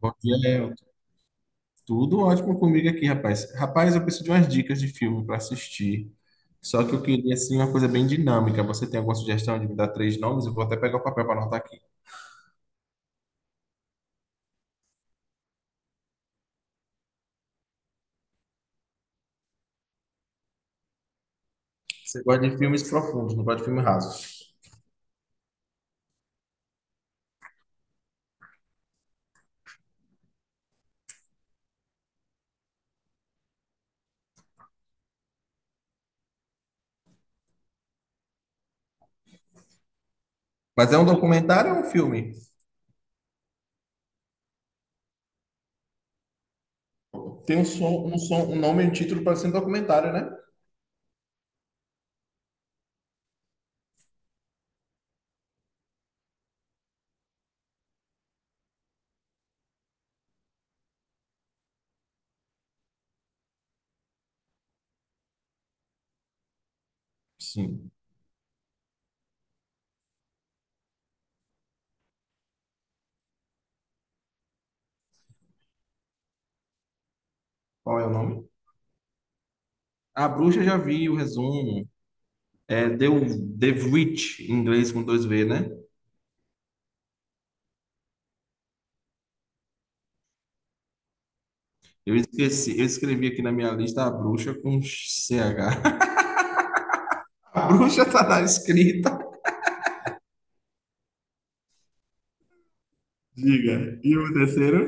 Bom dia, Léo. Tudo ótimo comigo aqui, rapaz. Rapaz, eu preciso de umas dicas de filme para assistir. Só que eu queria, assim, uma coisa bem dinâmica. Você tem alguma sugestão de me dar 3 nomes? Eu vou até pegar o papel para anotar aqui. Você gosta de filmes profundos, não gosta de filmes rasos. Mas é um documentário ou é um filme? Tem um som, um nome e um título para ser um documentário, né? Sim. Qual é o nome? A Bruxa já vi o resumo. É The Witch, em inglês com dois V, né? Eu esqueci, eu escrevi aqui na minha lista a bruxa com C H. A bruxa tá na escrita. Diga. E o terceiro?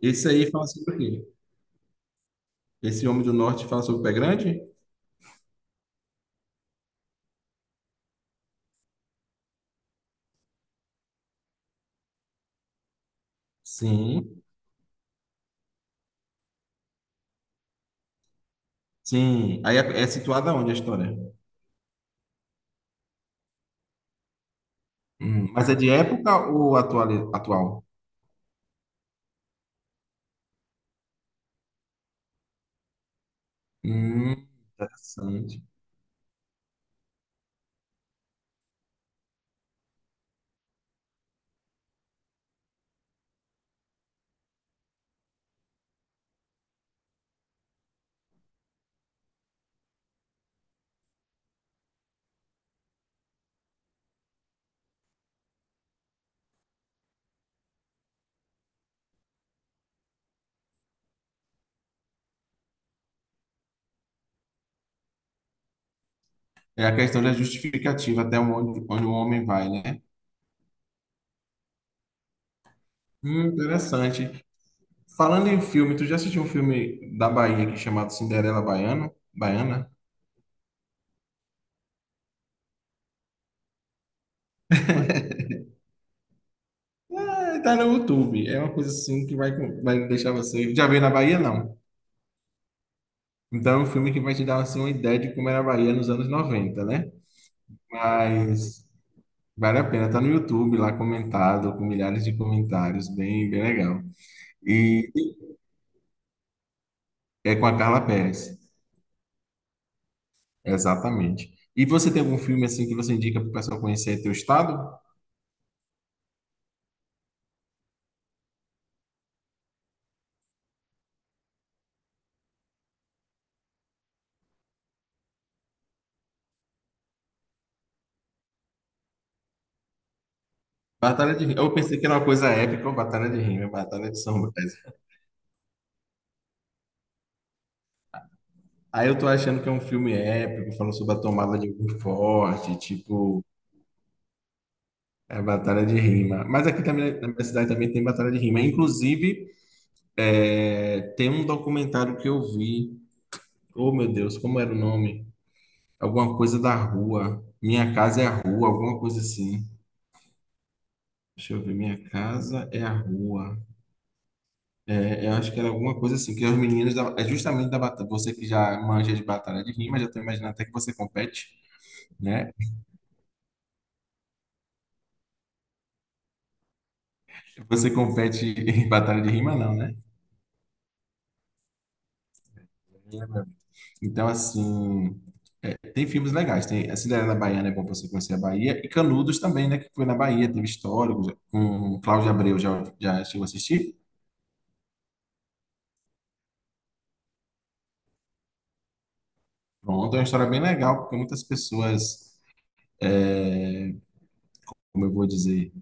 Esse aí fala sobre o quê? Esse homem do norte fala sobre o pé grande? Sim. Sim. Aí é situada onde a história? Hum. Mas é de época ou atual? Atual? Hum, interessante. É a questão da justificativa, até onde, onde o homem vai, né? Interessante. Falando em filme, tu já assistiu um filme da Bahia aqui chamado Cinderela Baiana? Baiana? É, tá no YouTube. É uma coisa assim que vai deixar você. Já veio na Bahia, não? Então, é um filme que vai te dar assim, uma ideia de como era a Bahia nos anos 90, né? Mas vale a pena, tá no YouTube lá comentado, com milhares de comentários, bem, bem legal. E é com a Carla Pérez, exatamente. E você tem algum filme assim que você indica para o pessoal conhecer teu estado? Batalha de Rima. Eu pensei que era uma coisa épica, ou Batalha de Rima, é Batalha de São Brás. Aí eu tô achando que é um filme épico, falando sobre a tomada de algum forte, tipo... É batalha de rima. Mas aqui também, na minha cidade também tem batalha de rima. Inclusive, é, tem um documentário que eu vi. Oh, meu Deus, como era o nome? Alguma coisa da rua. Minha casa é a rua, alguma coisa assim. Deixa eu ver, minha casa é a rua. É, eu acho que era alguma coisa assim, que os meninos é justamente da batalha. Você que já manja de batalha de rima, já tô imaginando até que você compete, né? Você compete em batalha de rima, não, né? Então, assim. Tem filmes legais, tem a Cinderela Baiana é bom para você conhecer a Bahia, e Canudos também, né, que foi na Bahia, teve histórico, com Cláudio Abreu, já, já chegou a assistir? Pronto, é uma história bem legal, porque muitas pessoas, como eu vou dizer,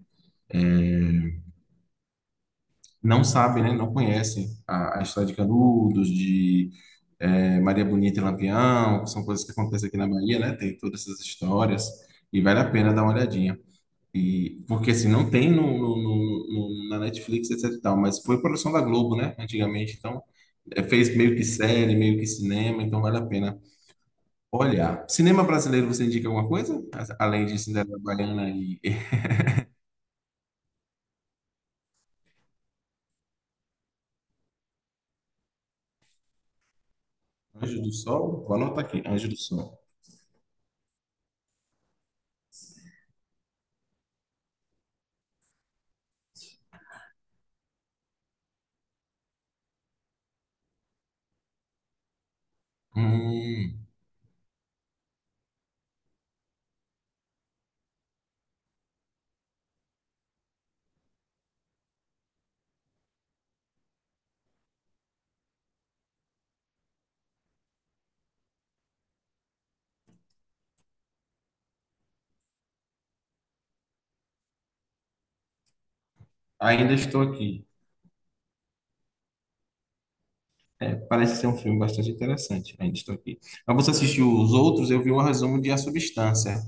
não sabem, né, não conhecem a história de Canudos, de Maria Bonita e Lampião, que são coisas que acontecem aqui na Bahia, né, tem todas essas histórias, e vale a pena dar uma olhadinha. E, porque assim, não tem na Netflix, etc e tal, mas foi produção da Globo, né, antigamente, então é, fez meio que série, meio que cinema, então vale a pena olhar. Cinema brasileiro, você indica alguma coisa? Além de Cinderela Baiana e Anjo do Sol? Vou anotar aqui, Anjo do Sol. Hum, ainda estou aqui. É, parece ser um filme bastante interessante. Ainda estou aqui. Mas você assistiu os outros? Eu vi o resumo de A Substância,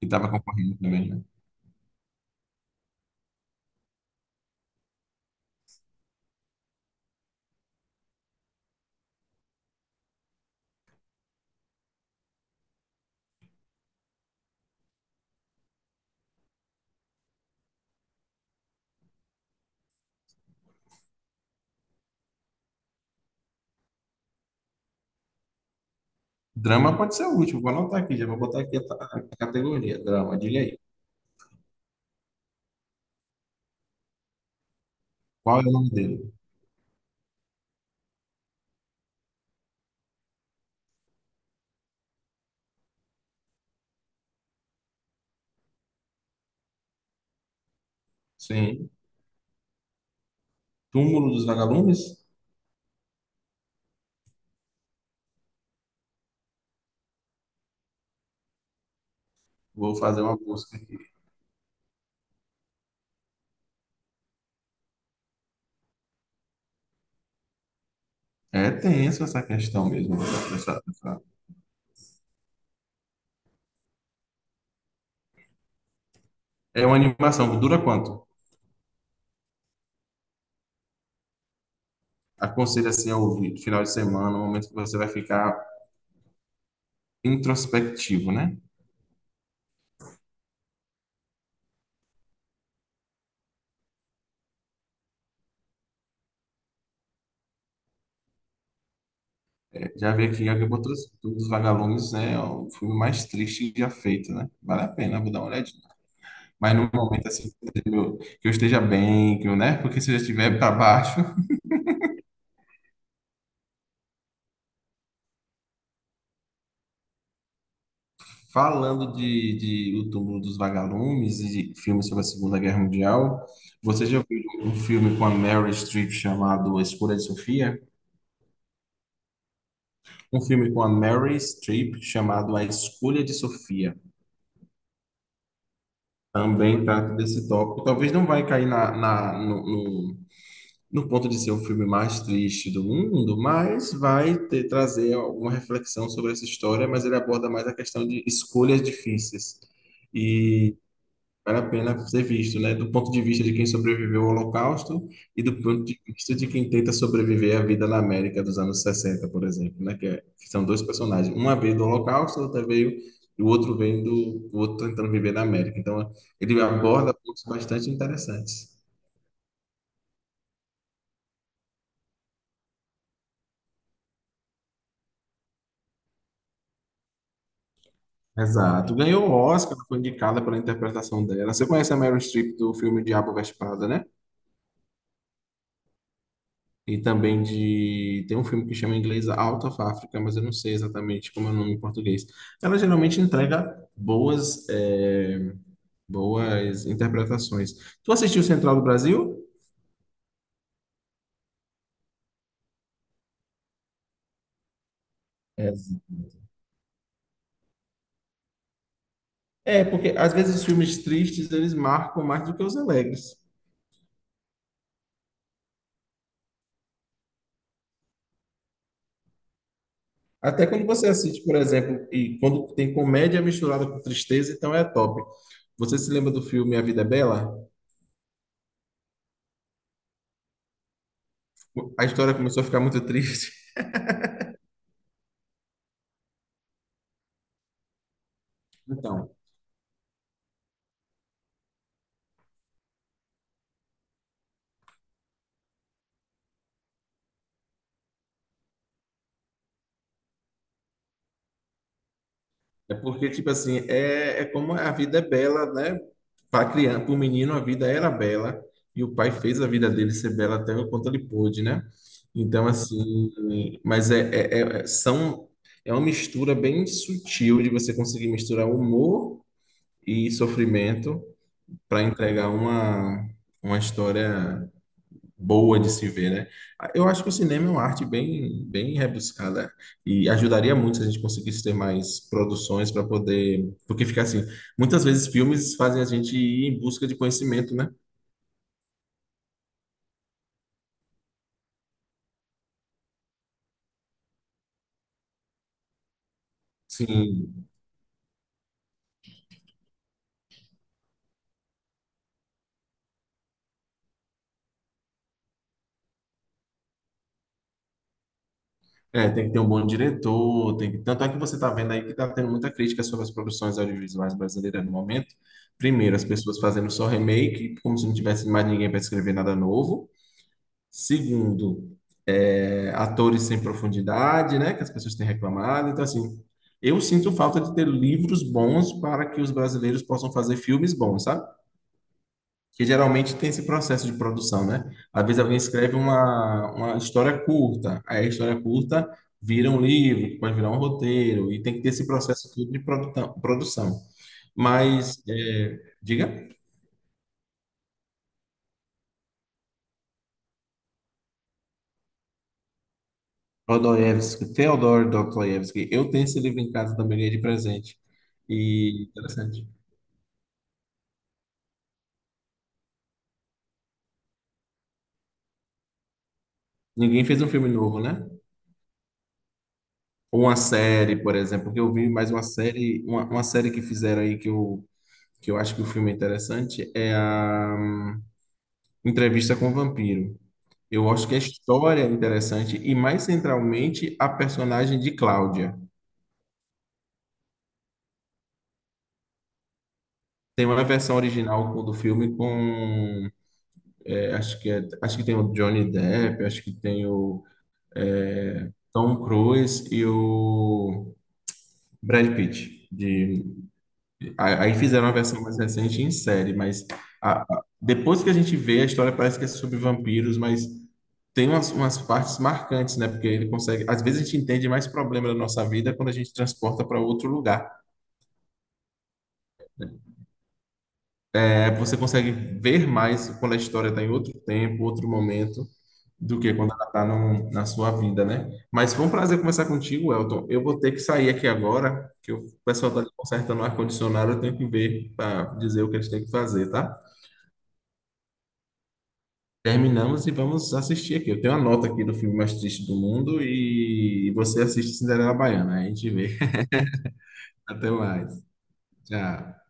que estava concorrendo também, né? Drama pode ser o último, vou anotar aqui, já vou botar aqui a categoria, drama, diga aí. Qual é o nome dele? Sim. Túmulo dos Vagalumes? Vou fazer uma busca aqui. É tenso essa questão mesmo. dessa- dessa- É uma animação que dura quanto? Aconselho assim a ouvir, final de semana, no momento que você vai ficar introspectivo, né? É, já vi aqui já que botou todos os vagalumes, né? É o filme mais triste já feito, né? Vale a pena, vou dar uma olhadinha. Mas no momento assim que eu esteja bem, que eu, né? Porque se eu já estiver para baixo... Falando de O Túmulo dos Vagalumes e filmes sobre a Segunda Guerra Mundial, você já viu um filme com a Meryl Streep chamado A Escolha de Sofia? Um filme com a Meryl Streep chamado A Escolha de Sofia. Também trata desse tópico. Talvez não vai cair no ponto de ser o filme mais triste do mundo, mas vai trazer alguma reflexão sobre essa história, mas ele aborda mais a questão de escolhas difíceis. Vale a pena ser visto, né? Do ponto de vista de quem sobreviveu ao Holocausto e do ponto de vista de quem tenta sobreviver à vida na América dos anos 60, por exemplo, né? Que, que são dois personagens. Uma veio do Holocausto, outra veio, e o outro vem do, o outro tentando viver na América. Então, ele aborda pontos bastante interessantes. Exato. Ganhou o Oscar, foi indicada pela interpretação dela. Você conhece a Meryl Streep do filme Diabo Veste Prada, né? E também de... Tem um filme que chama em inglês Out of Africa, mas eu não sei exatamente como é o nome em português. Ela geralmente entrega boas, boas interpretações. Tu assistiu Central do Brasil? É. É, porque às vezes os filmes tristes eles marcam mais do que os alegres. Até quando você assiste, por exemplo, e quando tem comédia misturada com tristeza, então é top. Você se lembra do filme A Vida é Bela? A história começou a ficar muito triste. Então, é porque, tipo assim, é como é, a vida é bela, né? Para criança, para o menino, a vida era bela e o pai fez a vida dele ser bela até o quanto ele pôde, né? Então, assim, mas são, é uma mistura bem sutil de você conseguir misturar humor e sofrimento para entregar uma história boa de se ver, né? Ah, eu acho que o cinema é uma arte bem, bem rebuscada e ajudaria muito se a gente conseguisse ter mais produções para poder, porque fica assim, muitas vezes filmes fazem a gente ir em busca de conhecimento, né? Sim, é, tem que ter um bom diretor, tem que... Tanto é que você está vendo aí que está tendo muita crítica sobre as produções audiovisuais brasileiras no momento. Primeiro, as pessoas fazendo só remake, como se não tivesse mais ninguém para escrever nada novo. Segundo, é, atores sem profundidade, né, que as pessoas têm reclamado. Então, assim, eu sinto falta de ter livros bons para que os brasileiros possam fazer filmes bons, sabe? Que geralmente tem esse processo de produção, né? Às vezes alguém escreve uma história curta, aí a história curta vira um livro, que pode virar um roteiro, e tem que ter esse processo todo de produção. Mas, é, diga. Dostoiévski, Theodor Dostoiévski. Eu tenho esse livro em casa também, ganhei de presente. E interessante. Ninguém fez um filme novo, né? Ou uma série, por exemplo, que eu vi mais uma série, uma série que fizeram aí que eu acho que o filme é interessante é a Entrevista com o Vampiro. Eu acho que a história é interessante e mais centralmente a personagem de Cláudia. Tem uma versão original do filme com, é, acho que tem o Johnny Depp, acho que tem o Tom Cruise e o Brad Pitt. De, a- aí fizeram uma versão mais recente em série, mas depois que a gente vê, a história parece que é sobre vampiros, mas tem umas, umas partes marcantes, né? Porque ele consegue. Às vezes a gente entende mais problema da nossa vida quando a gente transporta para outro lugar. É, você consegue ver mais quando a história está em outro tempo, outro momento. Do que quando ela está na sua vida, né? Mas foi um prazer conversar contigo, Elton. Eu vou ter que sair aqui agora, que o pessoal está consertando o ar-condicionado, eu tenho que ver para dizer o que eles têm que fazer, tá? Terminamos e vamos assistir aqui. Eu tenho a nota aqui do filme mais triste do mundo e você assiste Cinderela Baiana. Aí a gente vê. Até mais. Tchau.